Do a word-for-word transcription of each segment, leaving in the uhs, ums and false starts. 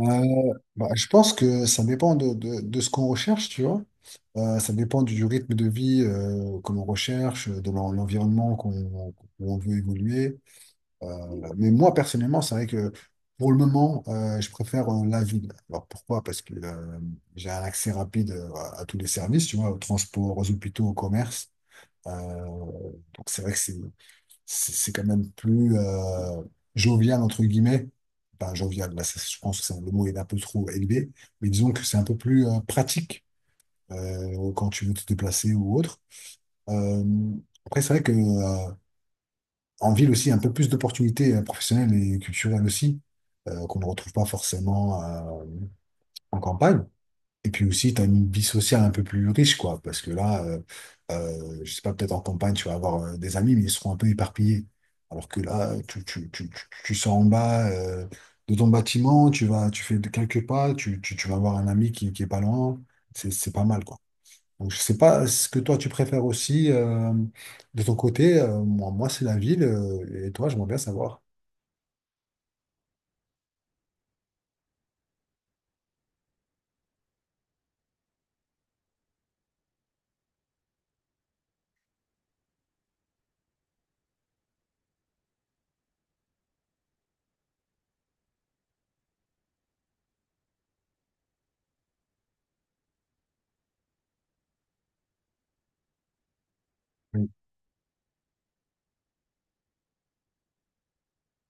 Euh, bah, je pense que ça dépend de, de, de ce qu'on recherche, tu vois. Euh, ça dépend du rythme de vie euh, que l'on recherche, de l'en- l'environnement qu'on, où on veut évoluer. Euh, mais moi, personnellement, c'est vrai que pour le moment, euh, je préfère euh, la ville. Alors pourquoi? Parce que euh, j'ai un accès rapide euh, à, à tous les services, tu vois, au transport, aux hôpitaux, au commerce. Euh, donc c'est vrai que c'est c'est c'est quand même plus euh, jovial, entre guillemets. Pas jovial, là, c'est- je pense que c'est- le mot est un peu trop élevé, mais disons que c'est un peu plus euh, pratique euh, quand tu veux te déplacer ou autre. Euh, après, c'est vrai que euh, en ville aussi, il y a un peu plus d'opportunités euh, professionnelles et culturelles aussi, euh, qu'on ne retrouve pas forcément euh, en campagne. Et puis aussi, tu as une vie sociale un peu plus riche, quoi. Parce que là, euh, euh, je sais pas, peut-être en campagne, tu vas avoir euh, des amis, mais ils seront un peu éparpillés. Alors que là, tu, tu, tu, tu, tu sors en bas euh, de ton bâtiment, tu vas, tu fais quelques pas, tu, tu, tu vas avoir un ami qui, qui est pas loin. C'est, c'est pas mal, quoi. Donc, je sais pas ce que toi, tu préfères aussi euh, de ton côté. Euh, moi, moi c'est la ville. euh, et toi, j'aimerais bien savoir. Oui,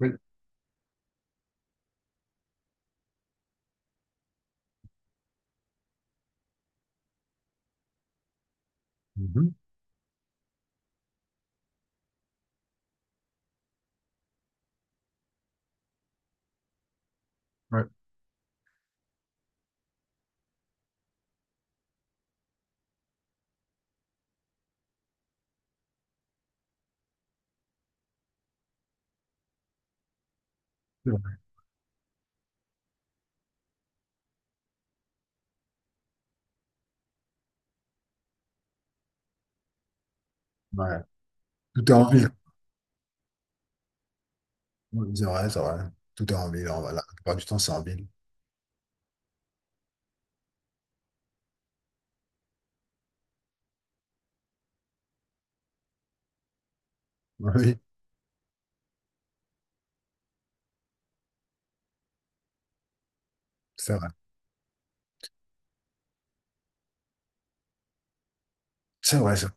oui. Mhm. Ouais, c'est vrai. Ouais. Tout est en ville. Oui. C'est vrai, c'est vrai. Tout est en ville. en- La plupart du temps, c'est en ville. Oui, c'est vrai. C'est vrai, c'est vrai.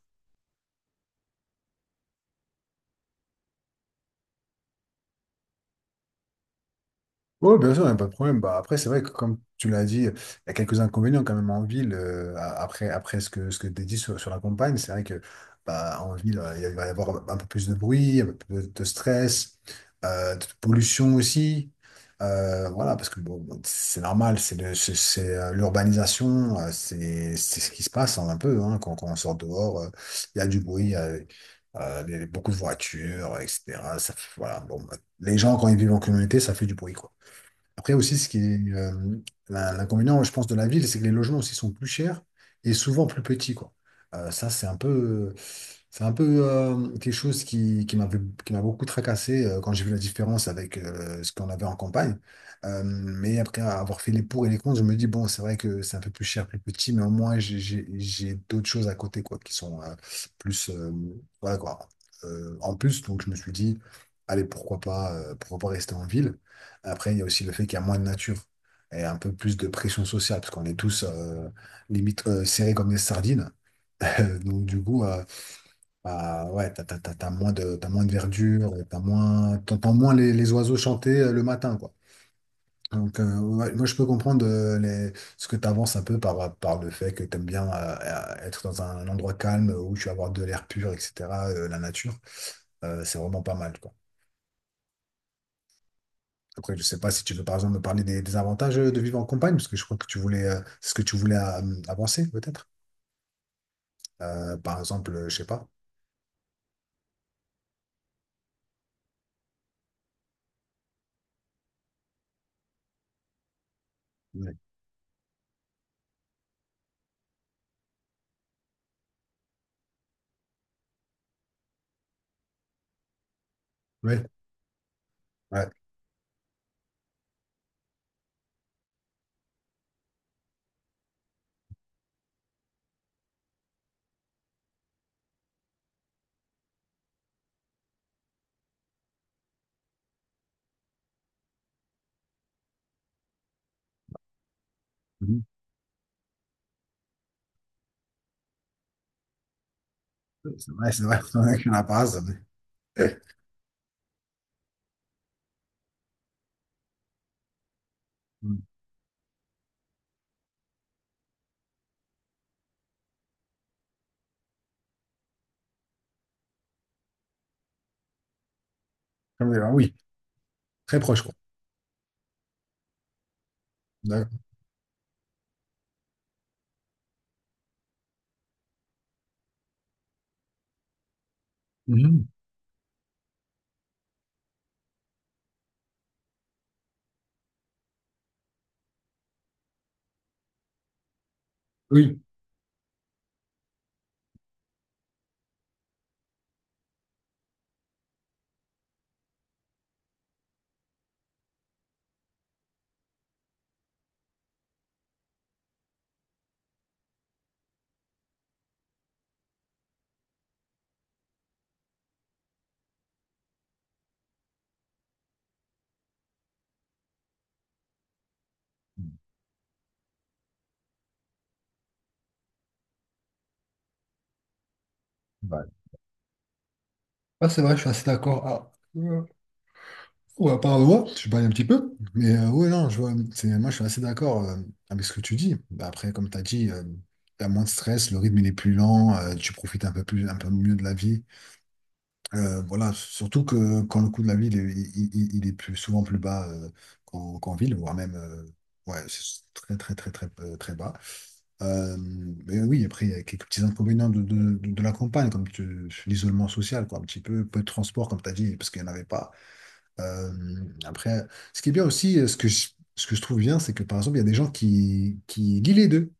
Oui, bien sûr, il n'y a pas de problème. Bah, après, c'est vrai que comme tu l'as dit, euh, il y a quelques inconvénients quand même en ville. Euh, a- après, après ce que, ce que tu as dit sur, sur la campagne, c'est vrai que bah, en ville, euh, il va y avoir un peu plus de bruit, un peu plus de stress, euh, de pollution aussi. Euh, voilà, parce que bon, bon, c'est normal, c'est le- c'est c'est, euh, l'urbanisation, euh, c'est c'est ce qui se passe hein, un peu hein, quand, quand on sort dehors, euh, il y a du bruit, euh, euh, il y a beaucoup de voitures, et cetera. Ça, fait- voilà, bon, bah, les gens, quand ils vivent en communauté, ça fait du bruit, quoi. Après aussi, ce qui est euh, l'in- l'inconvénient, je pense, de la ville, c'est que les logements aussi sont plus chers et souvent plus petits, quoi. Euh, ça, c'est un peu, c'est un peu euh, quelque chose qui, qui m'avait, qui m'a beaucoup tracassé euh, quand j'ai vu la différence avec euh, ce qu'on avait en campagne. Euh, mais après avoir fait les pour et les contre, je me dis, bon, c'est vrai que c'est un peu plus cher, plus petit, mais au moins, j'ai j'ai- j'ai d'autres choses à côté, quoi, qui sont euh, plus, euh, voilà, quoi, euh, en plus. Donc, je me suis dit, allez, pourquoi pas, euh, pourquoi pas rester en ville? Après, il y a aussi le fait qu'il y a moins de nature et un peu plus de pression sociale, parce qu'on est tous euh, limite euh, serrés comme des sardines. Donc du coup, euh, bah, ouais, t'as, t'as- t'as- t'as moins de, t'as moins de verdure, t'as moins, t'entends moins les, les oiseaux chanter euh, le matin, quoi. Donc euh, ouais, moi, je peux comprendre euh, les- ce que tu avances un peu par, par le fait que tu aimes bien euh, être dans un endroit calme où tu vas avoir de l'air pur, et cetera, euh, la nature. Euh, c'est vraiment pas mal, quoi. Après, je sais pas si tu veux par exemple me parler des, des avantages euh, de vivre en campagne, parce que je crois que tu voulais, euh, c'est ce que tu voulais euh, avancer peut-être. Euh, par exemple, euh, je sais pas. Oui, oui, ouais. Mhm. C'est vrai, c'est vrai. Il y en a qui n'en mais- Mhm. Ah, oui, très proche quoi. D'accord. Mhm. Oui. Ouais. Ah, c'est vrai, je suis assez d'accord. Ah. Ouais, pardon, je parlais un petit peu, mais euh, ouais, non, je vois, c'est- moi je suis assez d'accord euh, avec ce que tu dis. Bah, après, comme tu as dit, tu as moins de stress, le rythme il est plus lent, euh, tu profites un peu plus, un peu mieux de la vie. Euh, voilà, surtout que quand le coût de la vie il, est il- il- il est plus, souvent plus bas euh, qu'en qu'en ville, voire même euh, ouais, c'est très, très, très, très, euh, très bas. Euh, mais oui, après, il y a quelques petits inconvénients de, de, de- de la campagne, comme tu- l'isolement social, quoi, un petit peu, peu de transport, comme tu as dit, parce qu'il n'y en avait pas. Euh, après, ce qui est bien aussi, euh, ce que je, ce que je trouve bien, c'est que par exemple, il y a des gens qui, qui lient les deux.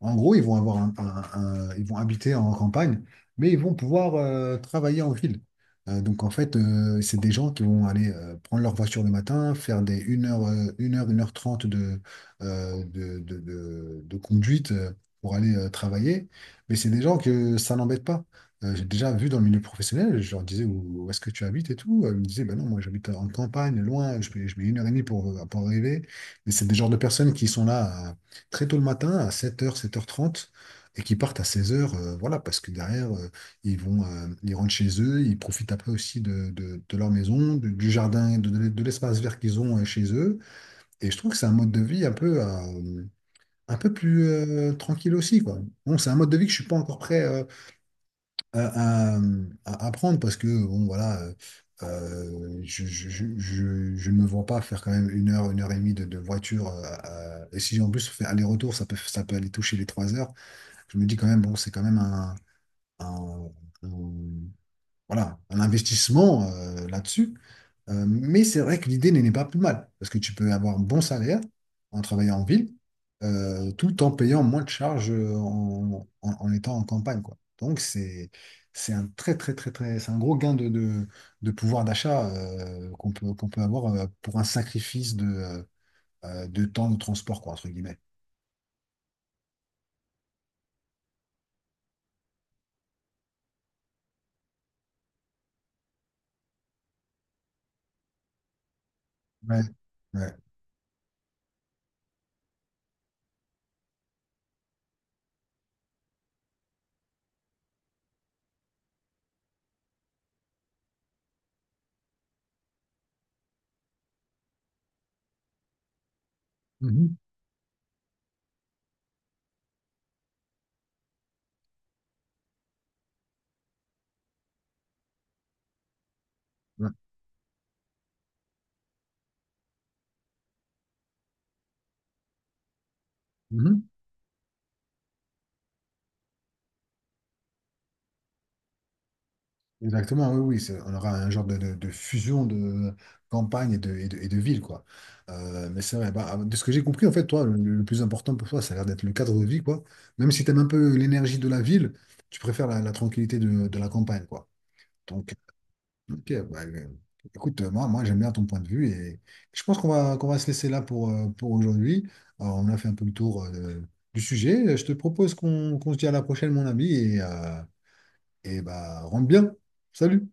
En gros, ils vont avoir un- un- un- ils vont habiter en campagne, mais ils vont pouvoir euh, travailler en ville. Euh, donc en fait, euh, c'est des gens qui vont aller euh, prendre leur voiture le matin, faire des une heure, euh, une heure, une heure trente de, euh, de, de, de- de conduite euh, pour aller euh, travailler. Mais c'est des gens que ça n'embête pas. Euh, j'ai déjà vu dans le milieu professionnel, je leur disais où, où est-ce que tu habites et tout. Euh, Ils me disaient, bah non, moi j'habite en campagne, loin, je mets, je mets une heure et demie pour, pour arriver. Mais c'est des genres de personnes qui sont là à- très tôt le matin, à sept heures, sept heures trente, et qui partent à seize heures, euh, voilà, parce que derrière, euh, ils vont, euh, ils rentrent chez eux, ils profitent après aussi de, de- de leur maison, du, du jardin, de, de- de l'espace vert qu'ils ont euh, chez eux. Et je trouve que c'est un mode de vie un peu, euh, un peu plus euh, tranquille aussi, quoi. Bon, c'est un mode de vie que je suis pas encore prêt. Euh, à, à- à apprendre parce que bon voilà euh, euh, je, je, je, je- je ne me vois pas faire quand même une heure, une heure et demie de, de voiture. Euh, à- et si en plus on fait aller-retour, ça peut, ça peut aller toucher les trois heures. Je me dis quand même, bon, c'est quand même un, un, un- voilà, un investissement euh, là-dessus. Euh, mais c'est vrai que l'idée n'est pas plus mal, parce que tu peux avoir un bon salaire en travaillant en ville, euh, tout en payant moins de charges euh, en, en- en étant en campagne, quoi. Donc c'est c'est un très très très très c'est un gros gain de, de, de pouvoir d'achat euh, qu'on peut qu'on peut avoir euh, pour un sacrifice de, euh, de temps de transport, quoi, entre guillemets. Ouais, ouais. Mhm. Ouais. Mhm. Exactement, oui, oui, c'est- on aura un genre de, de- de fusion de campagne et de, et de, et de ville, quoi. Euh, mais c'est vrai, bah, de ce que j'ai compris, en fait, toi, le, le plus important pour toi, ça a l'air d'être le cadre de vie, quoi. Même si tu aimes un peu l'énergie de la ville, tu préfères la, la tranquillité de, de la campagne, quoi. Donc, ok, bah, euh, écoute, euh, moi, moi j'aime bien ton point de vue et je pense qu'on va, qu'on va se laisser là pour, euh, pour aujourd'hui. Alors, on a fait un peu le tour euh, du sujet. Je te propose qu'on qu'on se dise à la prochaine, mon ami, et, euh, et bah, rentre bien. Salut!